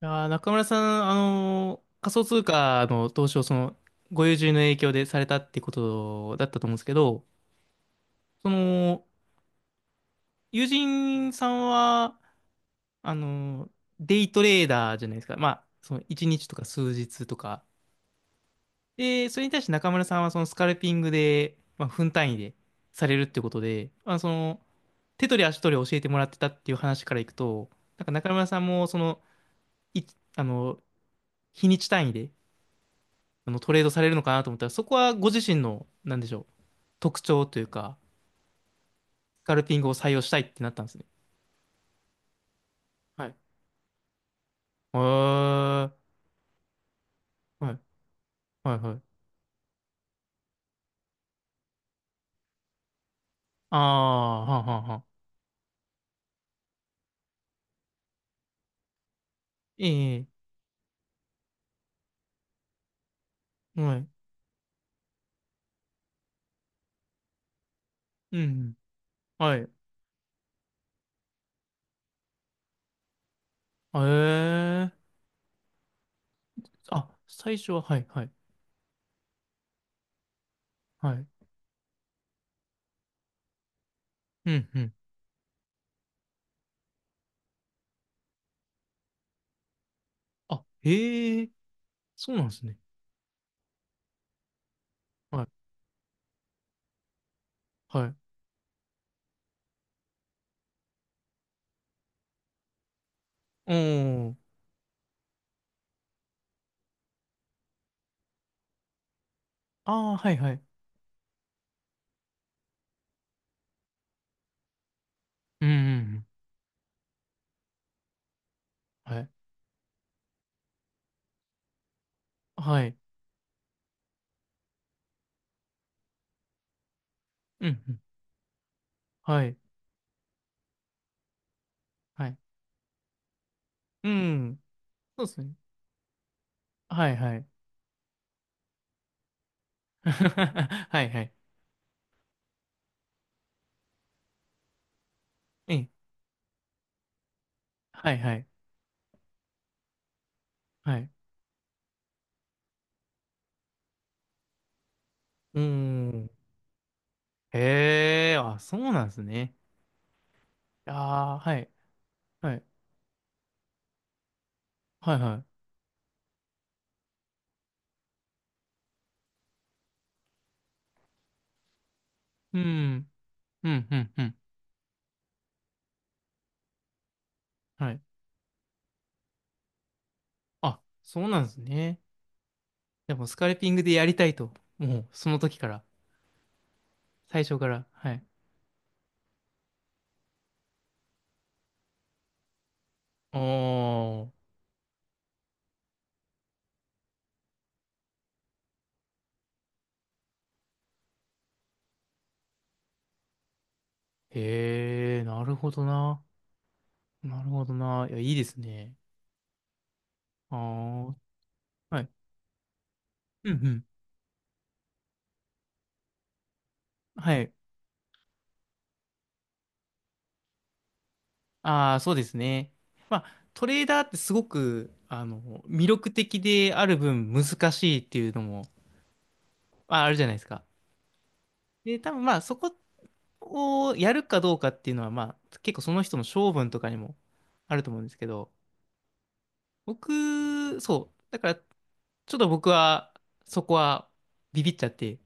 中村さん、仮想通貨の投資をその、ご友人の影響でされたってことだったと思うんですけど、その、友人さんは、あのーデイトレーダーじゃないですか。まあ、その1日とか数日とか。で、それに対して中村さんはそのスカルピングで、まあ、分単位でされるってことで、まあ、その、手取り足取り教えてもらってたっていう話からいくと、なんか中村さんもその、い、あの、日にち単位で、トレードされるのかなと思ったら、そこはご自身の、なんでしょう、特徴というか、スカルピングを採用したいってなったんですね。はい。へえ、はい、はい、はい。ああ、はんはんはん。ええ、はい、うん、はい。ええ、あ、最初は、はい、はい、はい。うん、うん。あ、へえ、そうなんですね。はい、はい。おー、ああ、はい、はい。うん、うん、うん、はい、はい。うん、うん、はい、はい。うん、そうですね。はい、はい。はいはい。うん。はいはい。はい。うーん。へえ、あ、そうなんですね。ああ、はい。はい。はいはい。うん。うん、うん、うん。はい。あ、そうなんですね。でも、スカルピングでやりたいと。もう、その時から。最初から。はい。おー。へえ、なるほどな。なるほどな。いや、いいですね。ああ。はい。うん、うん。はい。ああ、そうですね。まあ、トレーダーってすごく、魅力的である分難しいっていうのも、まあ、あるじゃないですか。で、多分まあ、そこをやるかどうかっていうのは、まあ、結構その人の性分とかにもあると思うんですけど、僕、そう。だから、ちょっと僕は、そこはビビっちゃって、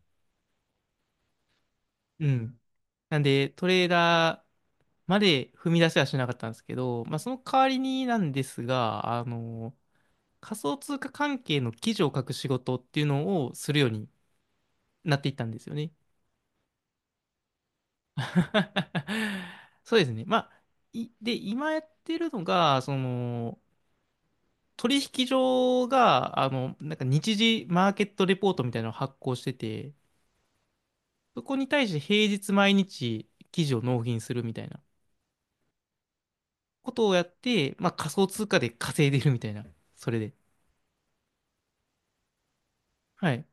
うん。なんで、トレーダー、まで踏み出せはしなかったんですけど、まあ、その代わりになんですが、あの仮想通貨関係の記事を書く仕事っていうのをするようになっていったんですよね。そうですね。まあ、いで、今やってるのが、その、取引所が、なんか日時マーケットレポートみたいなのを発行してて、そこに対して平日毎日記事を納品するみたいなことをやって、まあ仮想通貨で稼いでるみたいな、それで。はい。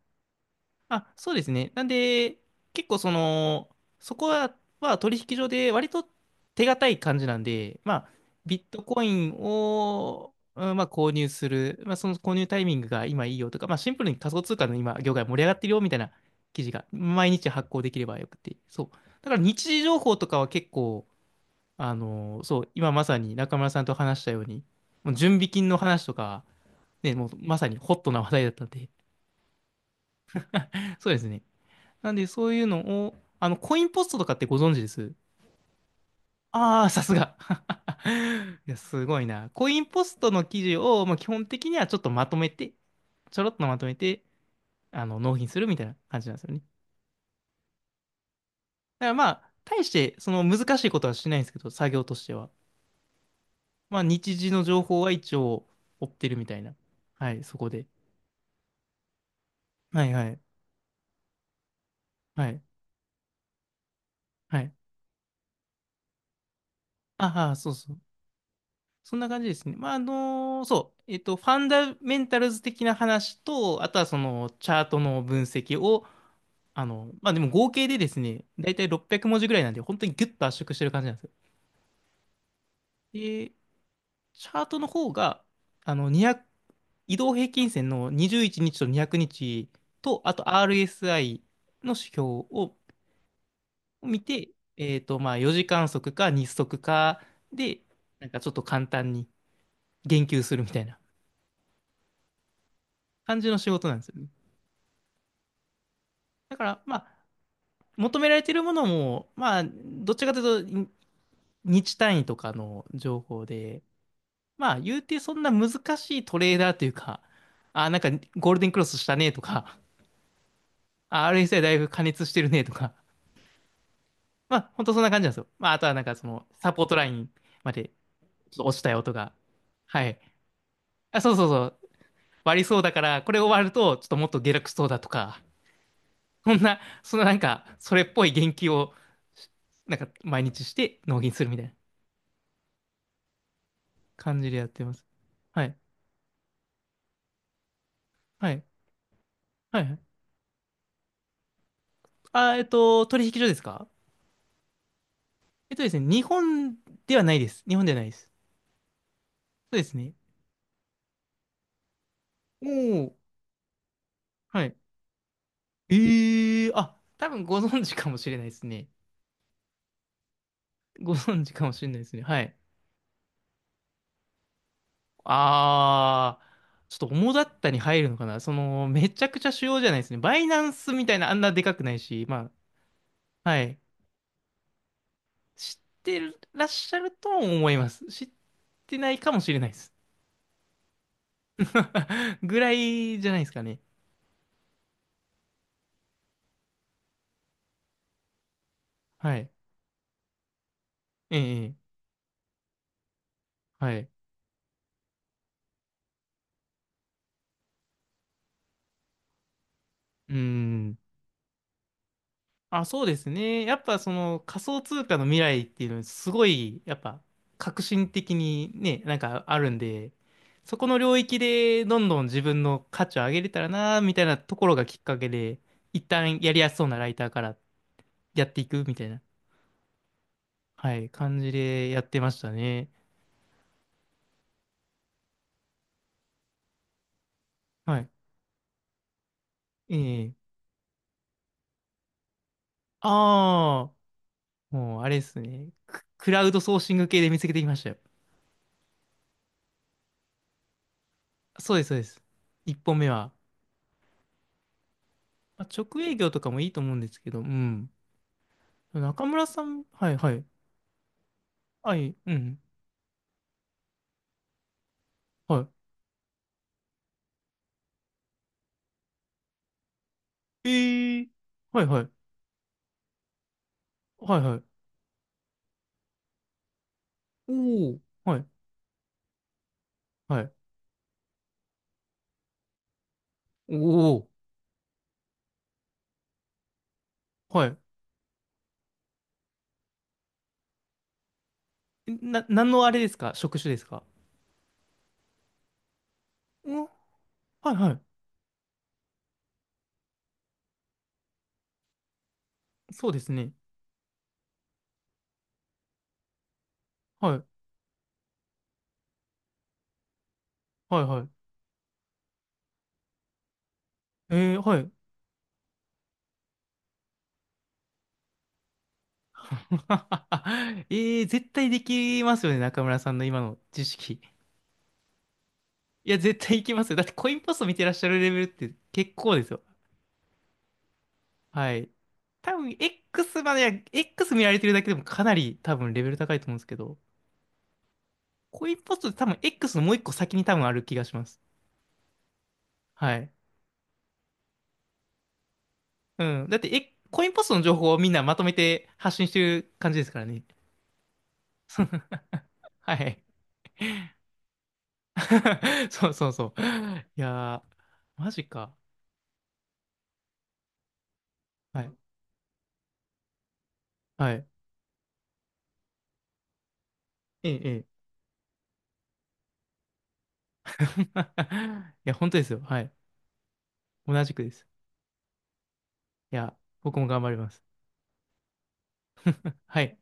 あ、そうですね。なんで、結構その、そこは取引所で割と手堅い感じなんで、まあ、ビットコインを、うん、まあ、購入する、まあ、その購入タイミングが今いいよとか、まあ、シンプルに仮想通貨の今、業界盛り上がってるよみたいな記事が毎日発行できればよくて、そう。だから日時情報とかは結構、そう、今まさに中村さんと話したように、もう準備金の話とか、ね、もうまさにホットな話題だったんで、そうですね。なんで、そういうのを、コインポストとかってご存知です？ああー、さすが。いや、すごいな。コインポストの記事を、まあ、基本的にはちょっとまとめて、ちょろっとまとめて、納品するみたいな感じなんですよね。だからまあ、大して、その難しいことはしないんですけど、作業としては。まあ、日時の情報は一応追ってるみたいな。はい、そこで。はいはい。はい。はい。ああ、そうそう。そんな感じですね。まあ、そう、ファンダメンタルズ的な話と、あとはそのチャートの分析を、まあでも合計でですね、だいたい600文字ぐらいなんで、本当にギュッと圧縮してる感じなんですよ。で、チャートの方が、20移動平均線の21日と200日と、あと RSI の指標を見て、まあ4時間足か日足かで、なんかちょっと簡単に言及するみたいな感じの仕事なんですよね。だから、まあ、求められているものも、まあ、どっちかというと、日単位とかの情報で、まあ、言うてそんな難しいトレーダーというか、あ、なんかゴールデンクロスしたねとか、あ RSI だいぶ加熱してるねとか、まあ、ほんとそんな感じなんですよ。まあ、あとはなんかその、サポートラインまでちょっと落ちたよとか、はい。あ、そうそうそう、割りそうだから、これ終わると、ちょっともっと下落しそうだとか、そんな、そのなんか、それっぽい言及を、なんか毎日して納品するみたいな。感じでやってます。はい。はい。はいはい。取引所ですか？ですね、日本ではないです。日本ではないです。そうですね。おー、はい。ええー、あ、多分ご存知かもしれないですね。ご存知かもしれないですね。はい。ちょっと主だったに入るのかなその、めちゃくちゃ主要じゃないですね。バイナンスみたいなあんなでかくないし、まあ、はい。知ってらっしゃると思います。知ってないかもしれないです。ぐらいじゃないですかね。はい。ええ、ええ、はい。うーん。あ、そうですね。やっぱその仮想通貨の未来っていうのはすごい、やっぱ革新的にね、なんかあるんで、そこの領域でどんどん自分の価値を上げれたらな、みたいなところがきっかけで、一旦やりやすそうなライターからやっていくみたいな、はい、感じでやってましたね。はい。ええ。ああ、もうあれですね。クラウドソーシング系で見つけてきましたよ。そうです、そうです。一本目は。まあ、直営業とかもいいと思うんですけど、うん。中村さん、はいはい。はい、うん。はい。ー…はいはい。はいはい。おお、はい、はい。おお、はい。何のあれですか、職種ですか？うん、はいはい。そうですね。はい、はいはい。はい。絶対できますよね、中村さんの今の知識。いや、絶対いきますよ。だってコインポスト見てらっしゃるレベルって結構ですよ。はい。多分 X までは、X 見られてるだけでもかなり多分レベル高いと思うんですけど、コインポストって多分 X のもう一個先に多分ある気がします。はい。うん。だって、コインポストの情報をみんなまとめて発信してる感じですからね。はい。そうそうそう。いやー、マジか。はい。はい。ええ、ええ。いや、本当ですよ。はい。同じくです。いや、僕も頑張ります。はい。